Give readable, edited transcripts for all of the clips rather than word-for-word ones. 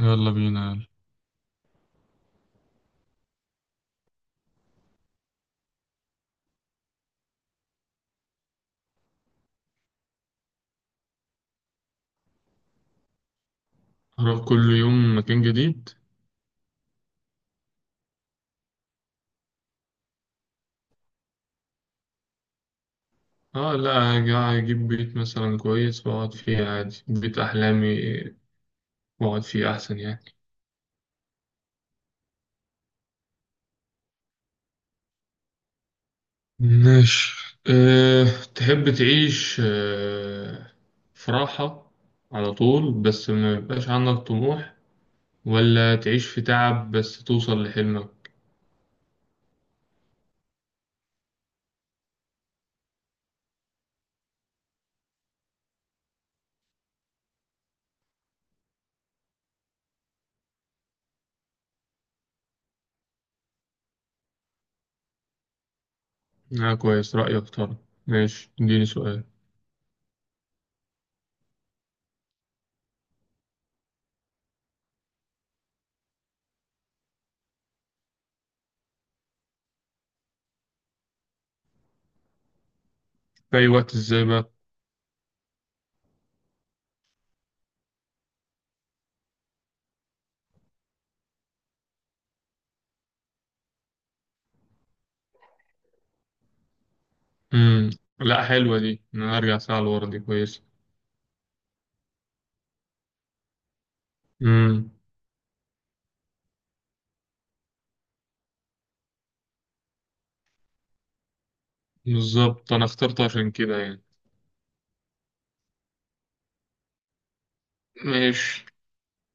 يلا بينا يلا. هروح كل يوم مكان جديد. اه، لا، هجيب بيت مثلا كويس واقعد فيه عادي بيت احلامي، واقعد فيه احسن يعني. ماشي، أه. تحب تعيش في راحة على طول بس ما يبقاش عندك طموح، ولا تعيش في تعب بس توصل لحلمك؟ اه، كويس، رأيك طبعا. ماشي، اديني سؤال. في اي وقت، ازاي بقى؟ مم. لا، حلوة دي، إن انا ارجع ساعة لورا دي. كويس. بالظبط، أنا اخترت عشان كده يعني. ماشي.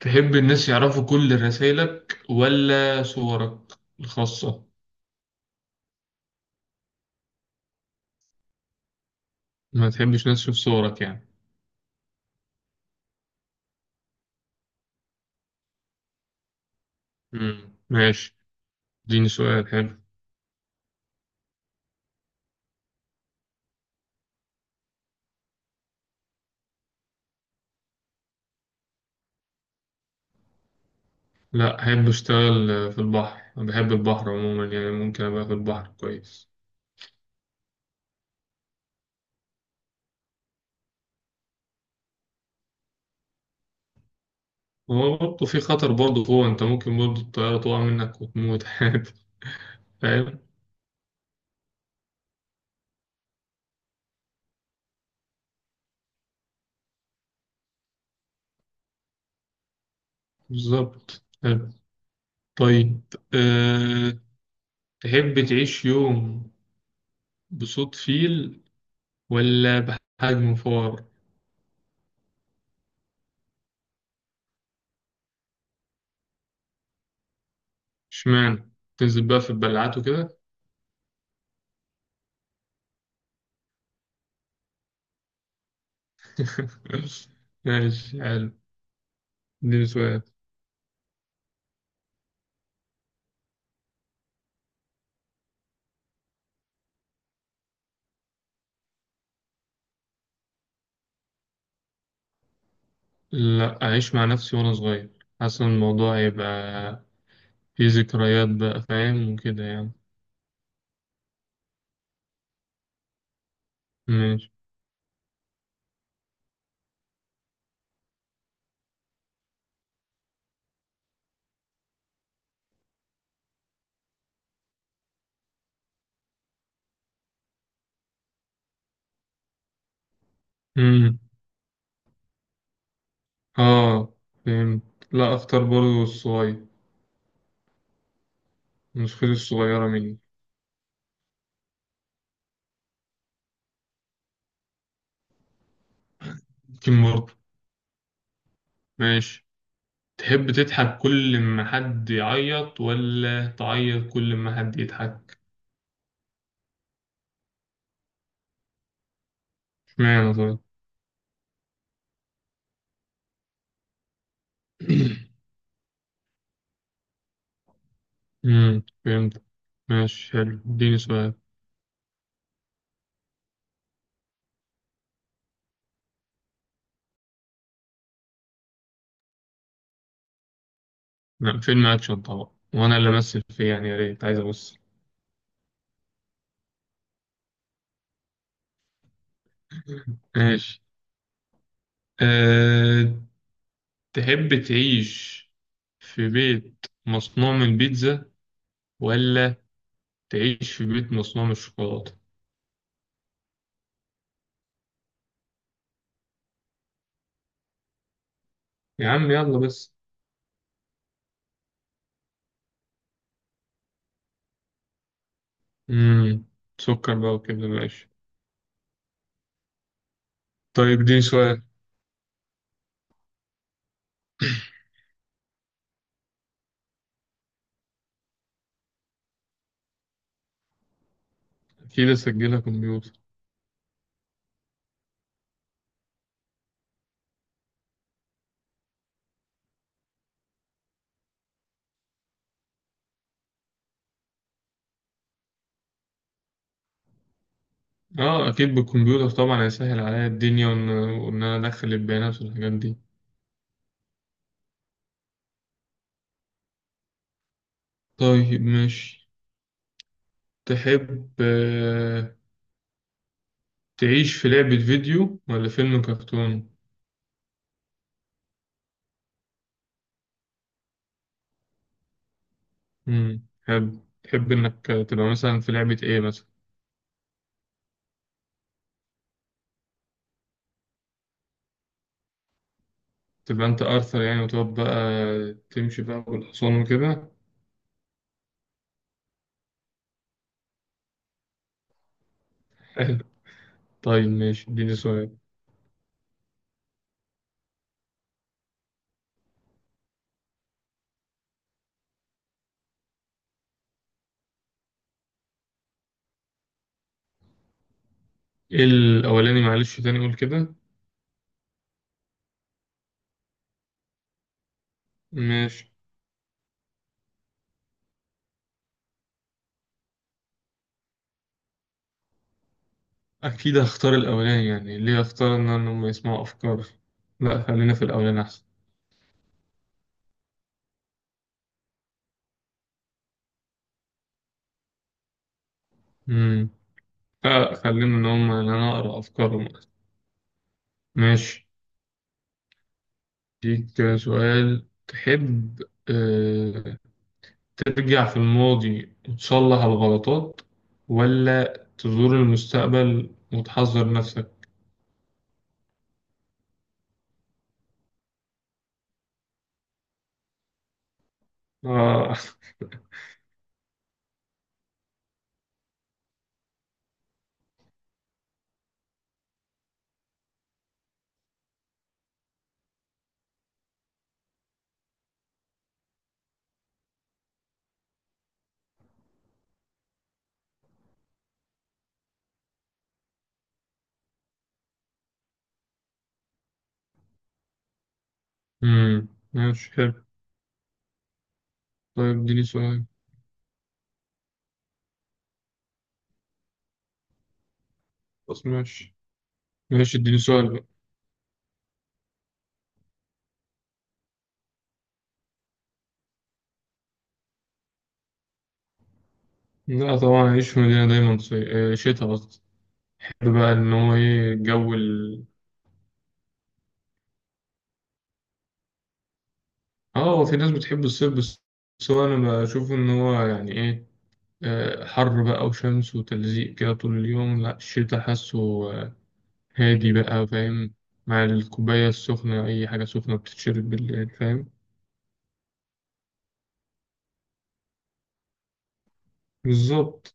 تحب الناس يعرفوا كل رسائلك ولا صورك الخاصة؟ ما تحبش ناس تشوف صورك يعني؟ مم. ماشي، اديني سؤال حلو. لا، أحب أشتغل في البحر، أنا بحب البحر عموما يعني، ممكن أبقى في البحر كويس. هو برضه في خطر برضه، هو أنت ممكن برضه الطيارة تقع منك وتموت عادي. فاهم. بالظبط، حلو، طيب. أه... تحب تعيش يوم بصوت فيل ولا بحجم فار؟ اشمعنى؟ تنزل بقى في البلعات وكده؟ ماشي، حلو، دي سؤال. لا، أعيش مع نفسي وأنا صغير، حاسس إن الموضوع هيبقى فيه ذكريات بقى، فاهم وكده يعني. ماشي. مم. آه فهمت. لا، أختار برضه الصغير، نسختي الصغيرة مني. يمكن برضه. ماشي. تحب تضحك كل ما حد يعيط، ولا تعيط كل ما حد يضحك؟ اشمعنى طيب؟ فهمت. ماشي، حلو، اديني سؤال. لا، فيلم اكشن طبعا، وانا اللي امثل فيه يعني، يا ريت، عايز ابص. ماشي. أه... تحب تعيش في بيت مصنوع من البيتزا، ولا تعيش في بيت مصنوع من الشوكولاتة؟ يا عم يلا بس. امم سكر بقى وكده، ماشي. طيب، اديني سؤال. اكيد اسجلها كمبيوتر. اه، اكيد بالكمبيوتر طبعا، هيسهل عليا الدنيا، وإن انا ادخل البيانات والحاجات دي. طيب، ماشي. تحب تعيش في لعبة فيديو ولا فيلم كرتون؟ مم. حلو. تحب إنك تبقى مثلا في لعبة إيه مثلا؟ تبقى أنت آرثر يعني وتقعد بقى؟ تمشي بقى بالحصان وكده؟ حلو. طيب، ماشي، اديني سؤال. إيه الأولاني، معلش تاني قول كده؟ ماشي. أكيد هختار الأولاني، يعني ليه هختار إن هم يسمعوا أفكاري؟ لأ، خلينا في الأولاني أحسن. مم. لا، خلينا إن هم، إن أنا أقرأ أفكارهم. ماشي. ليك سؤال، تحب آه، ترجع في الماضي وتصلح الغلطات، ولا تزور المستقبل وتحذر نفسك؟ آه. مم. ماشي، حلو. طيب، اديني سؤال. بس ماشي. ماشي، اديني سؤال بقى. لا طبعا، أعيش في مدينة دايما صي... آه، شتا قصدي. بحب بقى إن هو إيه جو ال... آه هو في ناس بتحب الصيف بس. بس هو أنا بشوف إن هو يعني إيه، حر بقى وشمس وتلزيق كده طول اليوم. لا، الشتا حاسه آه، هادي بقى فاهم، مع الكوباية السخنة، أي حاجة سخنة بتتشرب بالليل، فاهم. بالظبط.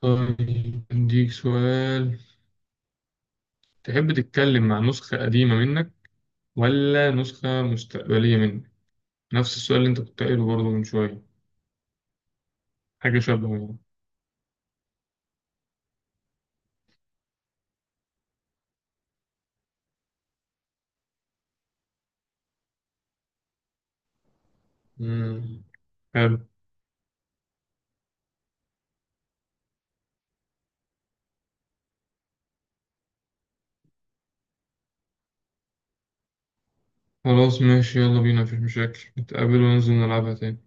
طيب، أديك سؤال. تحب تتكلم مع نسخة قديمة منك ولا نسخة مستقبلية منك؟ نفس السؤال اللي أنت كنت قايله برضه من شوية، حاجة شبهه يعني. مم. حلو. خلاص، ماشي، يلا بينا، مفيش مشاكل، نتقابل وننزل نلعبها تاني.